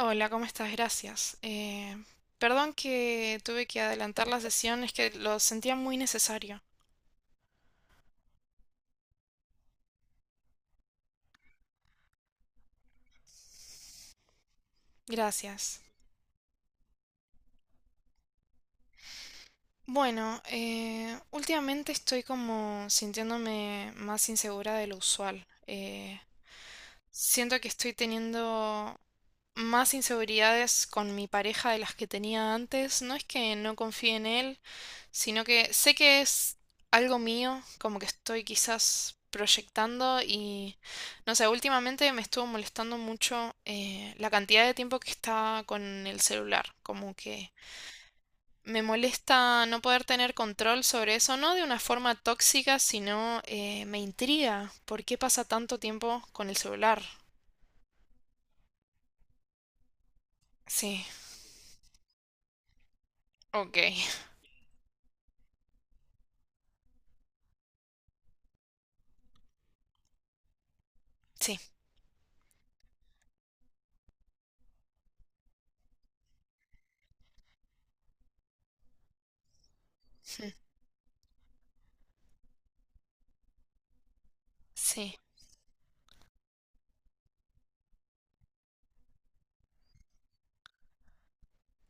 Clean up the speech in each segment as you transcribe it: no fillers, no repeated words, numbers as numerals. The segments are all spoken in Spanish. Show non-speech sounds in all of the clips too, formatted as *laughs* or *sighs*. Hola, ¿cómo estás? Gracias. Perdón que tuve que adelantar la sesión, es que lo sentía muy necesario. Gracias. Bueno, últimamente estoy como sintiéndome más insegura de lo usual. Siento que estoy teniendo más inseguridades con mi pareja de las que tenía antes. No es que no confíe en él, sino que sé que es algo mío, como que estoy quizás proyectando y no sé, últimamente me estuvo molestando mucho la cantidad de tiempo que está con el celular, como que me molesta no poder tener control sobre eso, no de una forma tóxica, sino me intriga por qué pasa tanto tiempo con el celular. Sí. Ok, *laughs* sí, sí.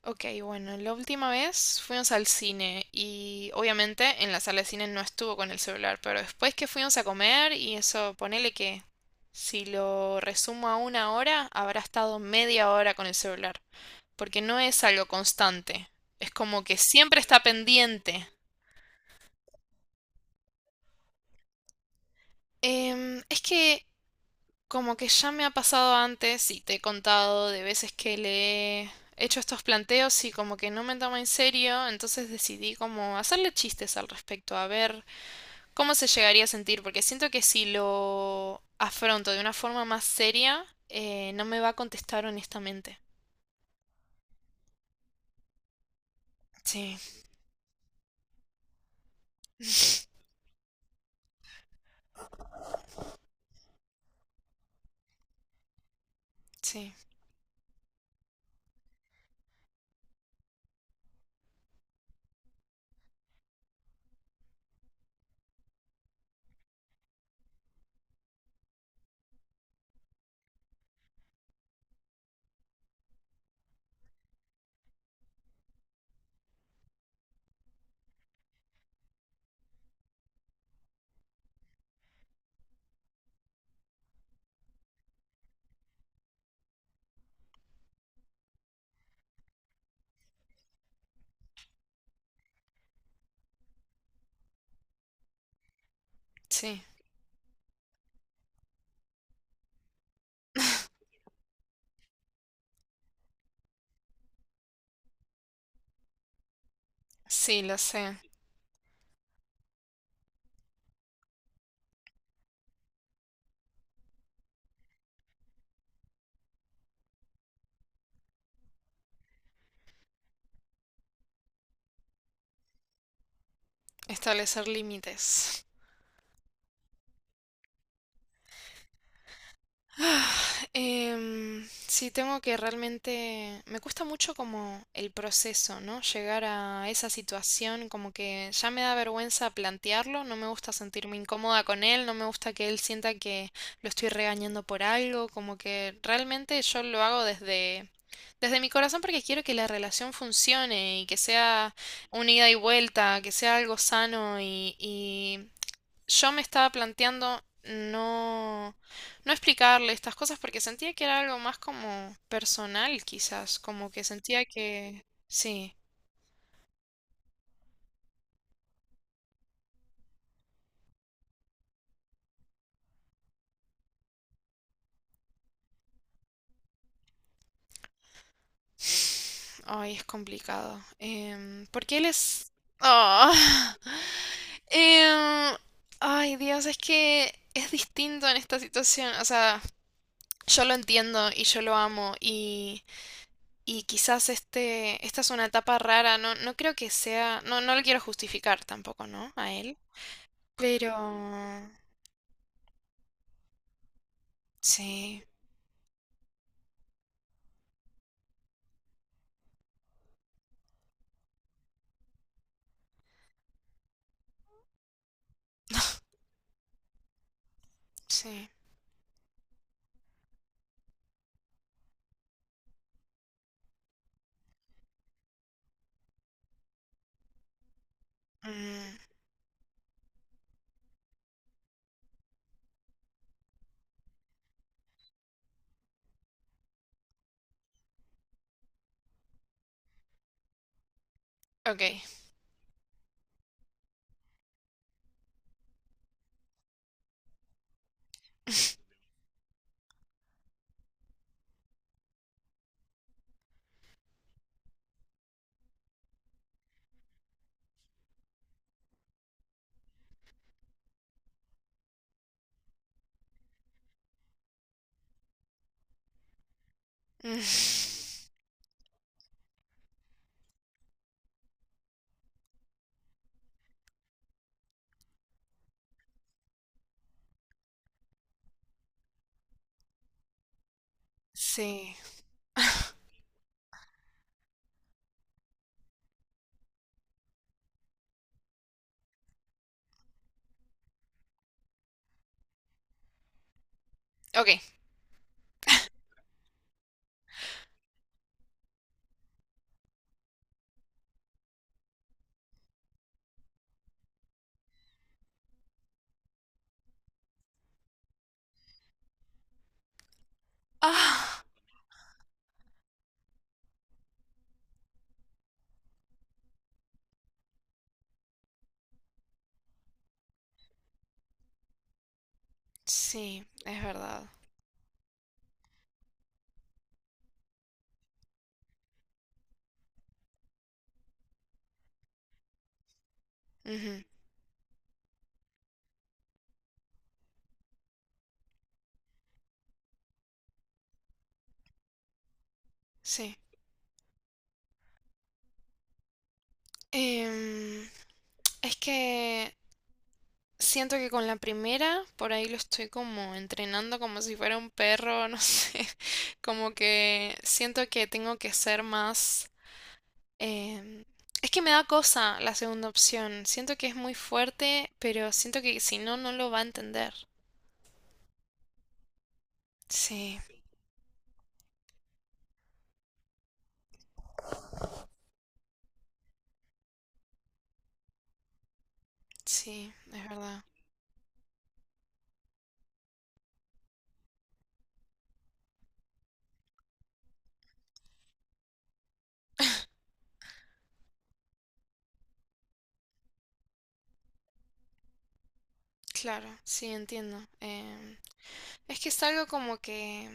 Ok, bueno, la última vez fuimos al cine y obviamente en la sala de cine no estuvo con el celular, pero después que fuimos a comer y eso, ponele que si lo resumo a una hora, habrá estado media hora con el celular, porque no es algo constante, es como que siempre está pendiente. Es que como que ya me ha pasado antes y te he contado de veces que le he hecho estos planteos y como que no me toma en serio, entonces decidí como hacerle chistes al respecto, a ver cómo se llegaría a sentir, porque siento que si lo afronto de una forma más seria, no me va a contestar honestamente. Sí, *laughs* sí, sí, *laughs* sí, lo sé. Establecer límites. *sighs* Sí, tengo que realmente... Me cuesta mucho como el proceso, ¿no? Llegar a esa situación, como que ya me da vergüenza plantearlo, no me gusta sentirme incómoda con él, no me gusta que él sienta que lo estoy regañando por algo, como que realmente yo lo hago desde... Desde mi corazón porque quiero que la relación funcione y que sea una ida y vuelta, que sea algo sano y yo me estaba planteando no, no explicarle estas cosas porque sentía que era algo más como personal, quizás, como que sentía que sí. Ay, es complicado. Porque él es... Ah. *laughs* Em, ay, Dios, es que es distinto en esta situación. O sea, yo lo entiendo y yo lo amo y quizás este, esta es una etapa rara. No, no creo que sea... No, no lo quiero justificar tampoco, ¿no? A él. Pero... Sí, sí. Mm, ok. *laughs* Mm, sí, ok. Ah, sí, es verdad. Ujú, sí. Em, es que siento que con la primera, por ahí lo estoy como entrenando como si fuera un perro, no sé. *laughs* Como que siento que tengo que ser más... Em, es que me da cosa la segunda opción. Siento que es muy fuerte, pero siento que si no, no lo va a entender. Sí, sí, es verdad. Claro, sí, entiendo. Es que es algo como que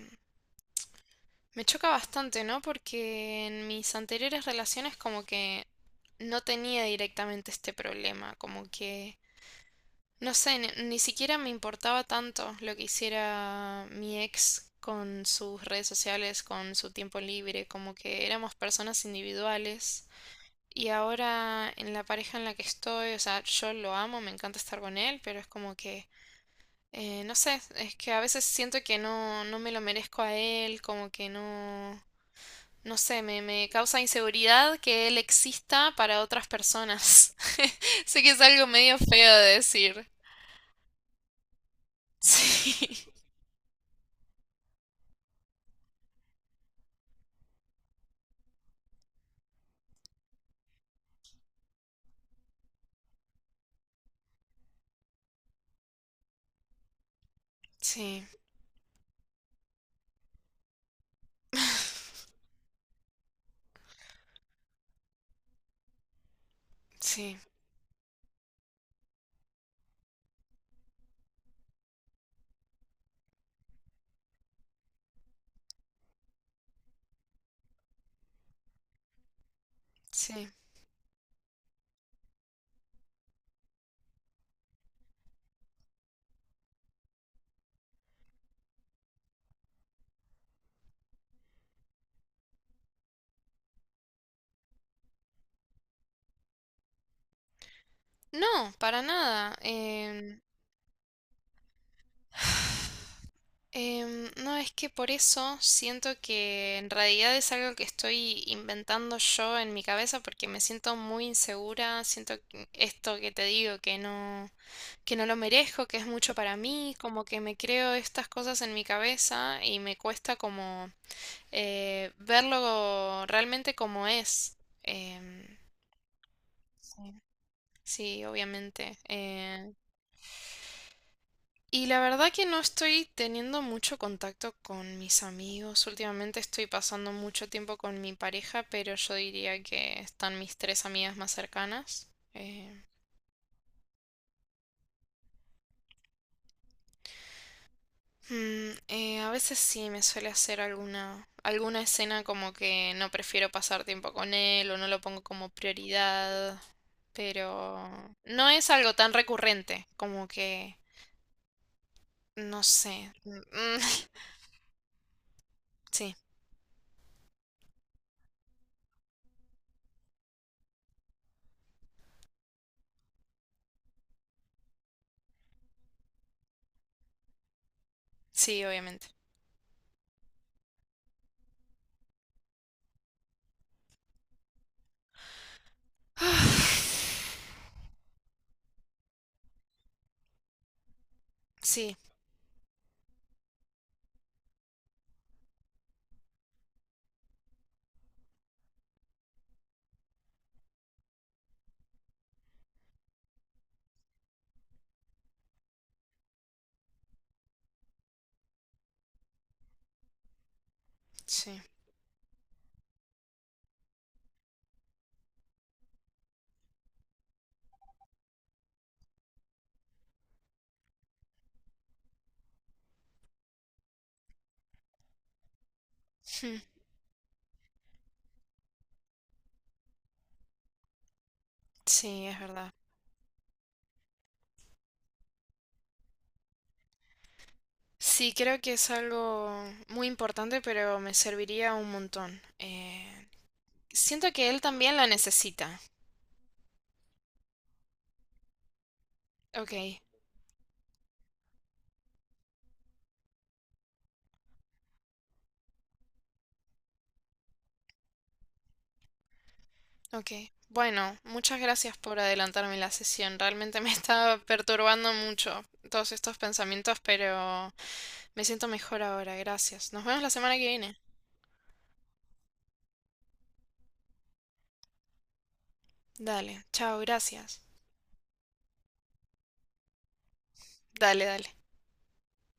me choca bastante, ¿no? Porque en mis anteriores relaciones como que no tenía directamente este problema, como que no sé, ni, ni siquiera me importaba tanto lo que hiciera mi ex con sus redes sociales, con su tiempo libre, como que éramos personas individuales. Y ahora en la pareja en la que estoy, o sea, yo lo amo, me encanta estar con él, pero es como que, no sé, es que a veces siento que no, no me lo merezco a él, como que no, no sé, me causa inseguridad que él exista para otras personas. *laughs* Sé que es algo medio feo de decir. *laughs* Sí. Sí, *laughs* *sighs* sí, sí. No, para nada. No, es que por eso siento que en realidad es algo que estoy inventando yo en mi cabeza porque me siento muy insegura, siento que esto que te digo que no lo merezco, que es mucho para mí, como que me creo estas cosas en mi cabeza y me cuesta como verlo realmente como es. Em, sí, sí, obviamente. Y la verdad que no estoy teniendo mucho contacto con mis amigos. Últimamente estoy pasando mucho tiempo con mi pareja, pero yo diría que están mis tres amigas más cercanas. Eh, mm, a veces sí me suele hacer alguna, alguna escena como que no prefiero pasar tiempo con él o no lo pongo como prioridad, pero no es algo tan recurrente como que, no sé. Mm. *laughs* Sí, sí, obviamente. *sighs* Sí, sí, mm, sí, es verdad. Sí, creo que es algo muy importante, pero me serviría un montón. Siento que él también la necesita. Ok, ok. Bueno, muchas gracias por adelantarme la sesión. Realmente me *laughs* estaba perturbando mucho todos estos pensamientos, pero me siento mejor ahora. Gracias. Nos vemos la semana que viene. Dale, chao, gracias. Dale, dale.